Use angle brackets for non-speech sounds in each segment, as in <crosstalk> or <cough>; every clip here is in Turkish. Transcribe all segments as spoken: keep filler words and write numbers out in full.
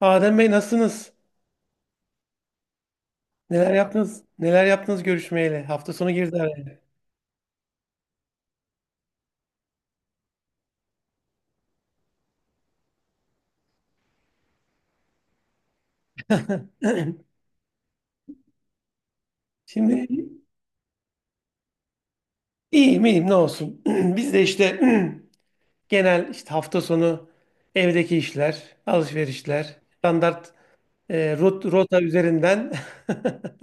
Adem Bey, nasılsınız? Neler yaptınız? Neler yaptınız görüşmeyle? Hafta sonu girdi araya. <clears throat> Şimdi iyiyim, iyiyim, ne olsun. <clears throat> Biz de işte <clears throat> genel işte hafta sonu evdeki işler, alışverişler, standart e, rot, rota üzerinden. <laughs>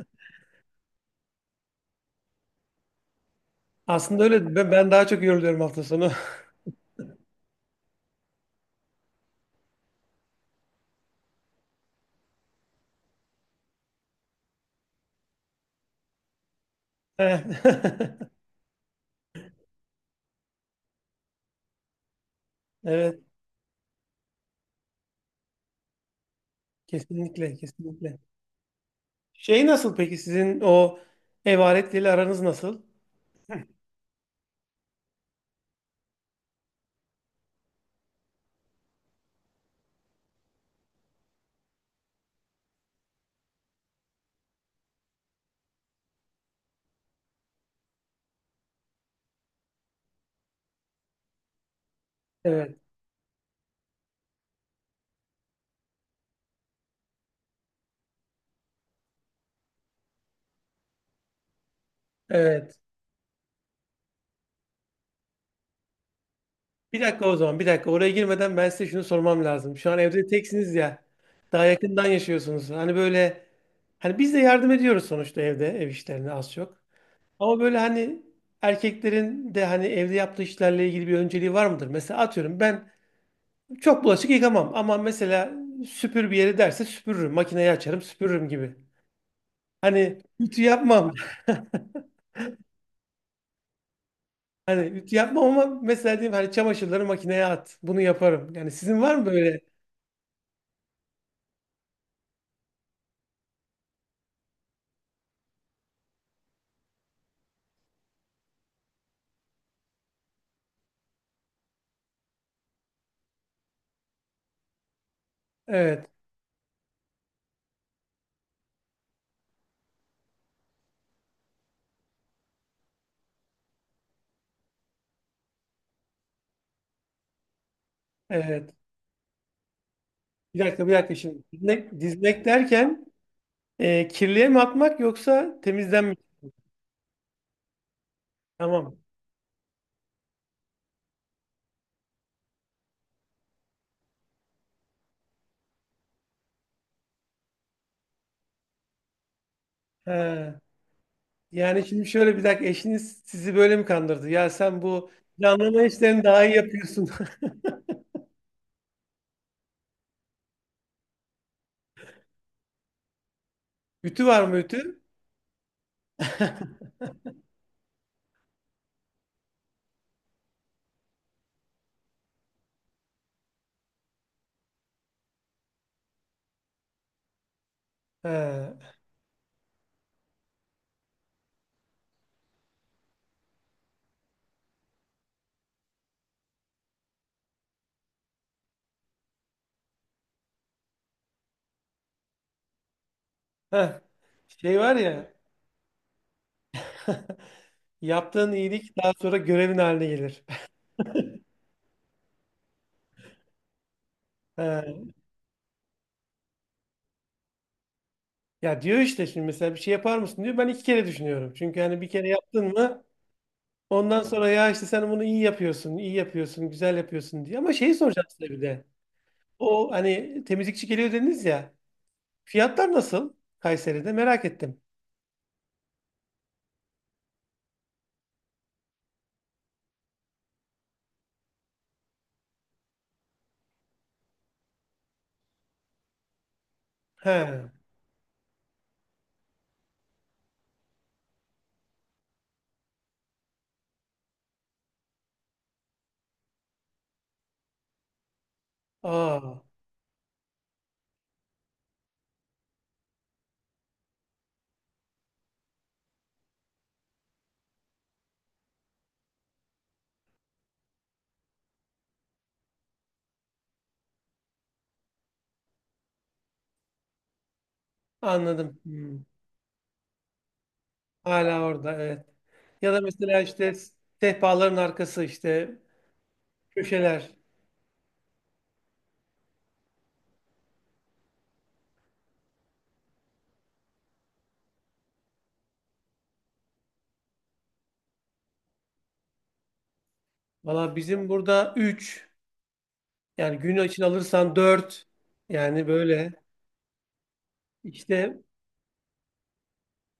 Aslında öyle ben, ben daha çok yoruluyorum hafta sonu. <laughs> Evet. <laughs> Evet, kesinlikle, kesinlikle. Şey, nasıl peki sizin o ev aletleriyle aranız nasıl? Evet, evet. Bir dakika o zaman, bir dakika. Oraya girmeden ben size şunu sormam lazım. Şu an evde teksiniz ya. Daha yakından yaşıyorsunuz. Hani böyle, hani biz de yardım ediyoruz sonuçta evde ev işlerine az çok. Ama böyle hani erkeklerin de hani evde yaptığı işlerle ilgili bir önceliği var mıdır? Mesela atıyorum ben çok bulaşık yıkamam ama mesela süpür bir yeri derse süpürürüm. Makineyi açarım, süpürürüm gibi. Hani ütü yapmam. <laughs> Hani ütü yapmam ama mesela diyeyim hani çamaşırları makineye at. Bunu yaparım. Yani sizin var mı böyle? Evet. Evet. Bir dakika, bir dakika şimdi. Dizmek, dizmek derken e, kirliye mi atmak yoksa temizden mi? Tamam. He. Yani şimdi şöyle, bir dakika, eşiniz sizi böyle mi kandırdı? Ya sen bu planlama işlerini daha iyi yapıyorsun. <laughs> Ütü var mı ütü? <laughs> He. Heh. Şey var ya, <laughs> yaptığın iyilik daha sonra görevin haline gelir. <laughs> He. Ya diyor işte şimdi mesela bir şey yapar mısın diyor. Ben iki kere düşünüyorum. Çünkü hani bir kere yaptın mı, ondan sonra ya işte sen bunu iyi yapıyorsun, iyi yapıyorsun, güzel yapıyorsun diye. Ama şeyi soracağım size bir de. O hani temizlikçi geliyor dediniz ya. Fiyatlar nasıl Kayseri'de? Merak ettim. He. Aa, anladım. Hmm. Hala orada, evet. Ya da mesela işte sehpaların arkası, işte köşeler. Valla bizim burada üç, yani gün için alırsan dört, yani böyle işte,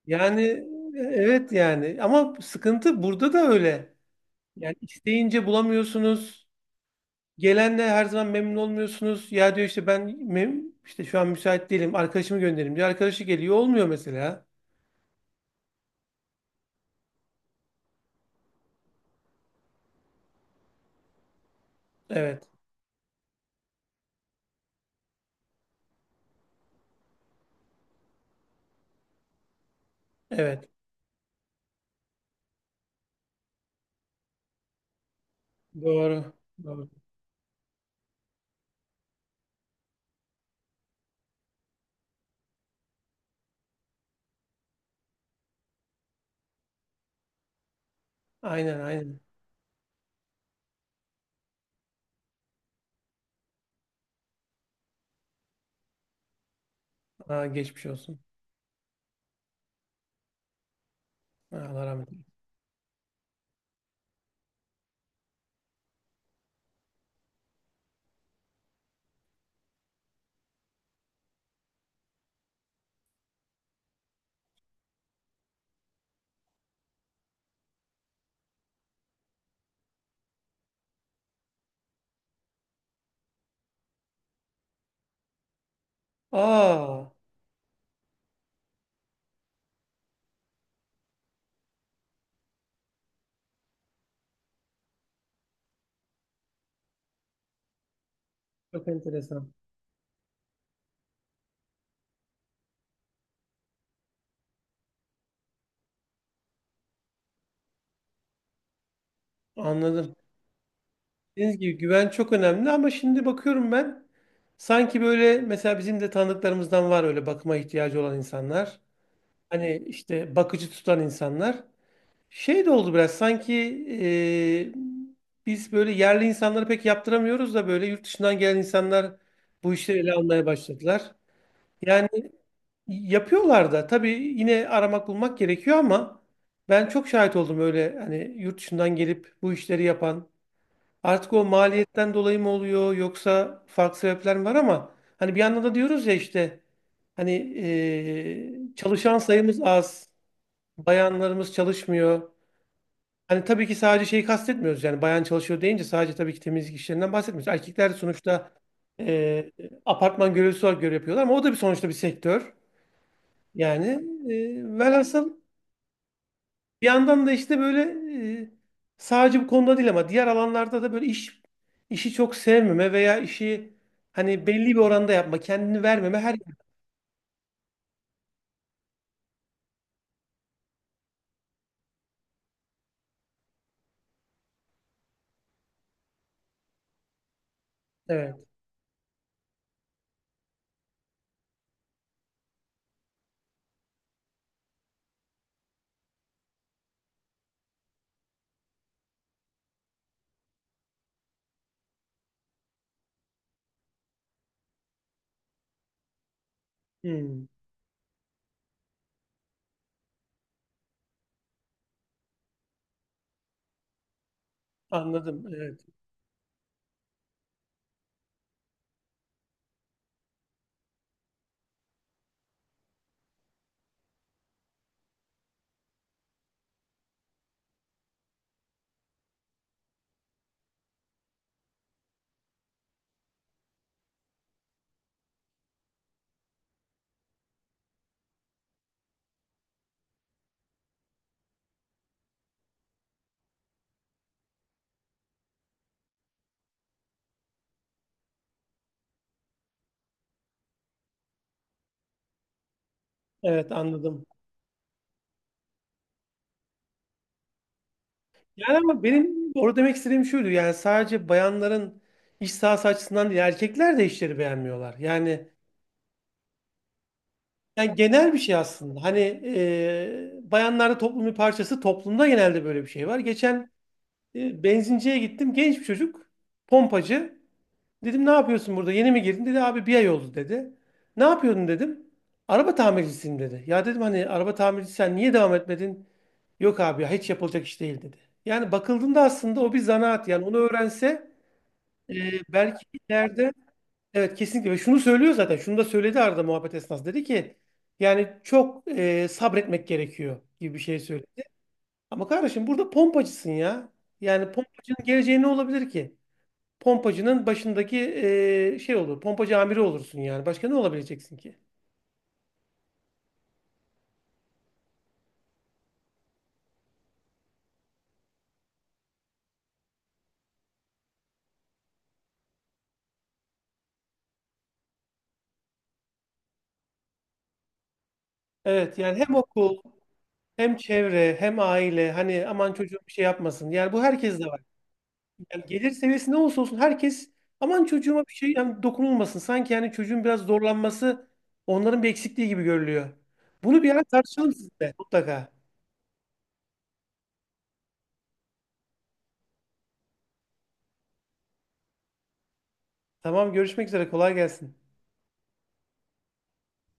yani, e, evet yani, ama sıkıntı burada da öyle. Yani isteyince bulamıyorsunuz. Gelenle her zaman memnun olmuyorsunuz. Ya diyor işte ben mem işte şu an müsait değilim. Arkadaşımı gönderim diyor. Arkadaşı geliyor, olmuyor mesela. Evet. Evet. Doğru. Doğru. Aynen, aynen. Aa, geçmiş olsun. Ha, Allah rahmet eylesin. Aa, çok enteresan. Anladım. Dediğiniz gibi güven çok önemli ama şimdi bakıyorum ben, sanki böyle mesela bizim de tanıdıklarımızdan var öyle bakıma ihtiyacı olan insanlar. Hani işte bakıcı tutan insanlar. Şey de oldu biraz sanki eee, biz böyle yerli insanları pek yaptıramıyoruz da böyle yurt dışından gelen insanlar bu işleri ele almaya başladılar. Yani yapıyorlar da tabii, yine aramak bulmak gerekiyor ama ben çok şahit oldum öyle, hani yurt dışından gelip bu işleri yapan. Artık o maliyetten dolayı mı oluyor yoksa farklı sebepler mi var, ama hani bir yandan da diyoruz ya işte hani eee, çalışan sayımız az, bayanlarımız çalışmıyor. Hani tabii ki sadece şeyi kastetmiyoruz, yani bayan çalışıyor deyince sadece tabii ki temizlik işlerinden bahsetmiyoruz. Erkekler sonuçta e, apartman görevlisi olarak görev yapıyorlar ama o da bir sonuçta bir sektör. Yani, e, velhasıl bir yandan da işte böyle, e, sadece bu konuda değil ama diğer alanlarda da böyle iş işi çok sevmeme veya işi hani belli bir oranda yapma, kendini vermeme her Evet. Hmm, anladım. Evet. Evet, anladım. Yani ama benim orada demek istediğim şuydu. Yani sadece bayanların iş sahası açısından değil, erkekler de işleri beğenmiyorlar. Yani, yani genel bir şey aslında. Hani e, bayanlarda toplumun bir parçası, toplumda genelde böyle bir şey var. Geçen e, benzinciye gittim. Genç bir çocuk, pompacı. Dedim ne yapıyorsun burada? Yeni mi girdin? Dedi abi bir ay oldu dedi. Ne yapıyordun dedim. Araba tamircisiyim dedi. Ya dedim hani araba tamircisi, sen niye devam etmedin? Yok abi ya hiç yapılacak iş değil dedi. Yani bakıldığında aslında o bir zanaat. Yani onu öğrense, e, belki ileride, evet, kesinlikle. Ve şunu söylüyor zaten. Şunu da söyledi arada muhabbet esnasında. Dedi ki yani çok e, sabretmek gerekiyor gibi bir şey söyledi. Ama kardeşim burada pompacısın ya. Yani pompacının geleceği ne olabilir ki? Pompacının başındaki eee, şey olur. Pompacı amiri olursun yani. Başka ne olabileceksin ki? Evet, yani hem okul, hem çevre, hem aile, hani aman çocuğum bir şey yapmasın. Yani bu herkes de var. Yani gelir seviyesi ne olursa olsun herkes, aman çocuğuma bir şey yani dokunulmasın. Sanki yani çocuğun biraz zorlanması onların bir eksikliği gibi görülüyor. Bunu bir ara tartışalım sizinle mutlaka. Tamam, görüşmek üzere, kolay gelsin.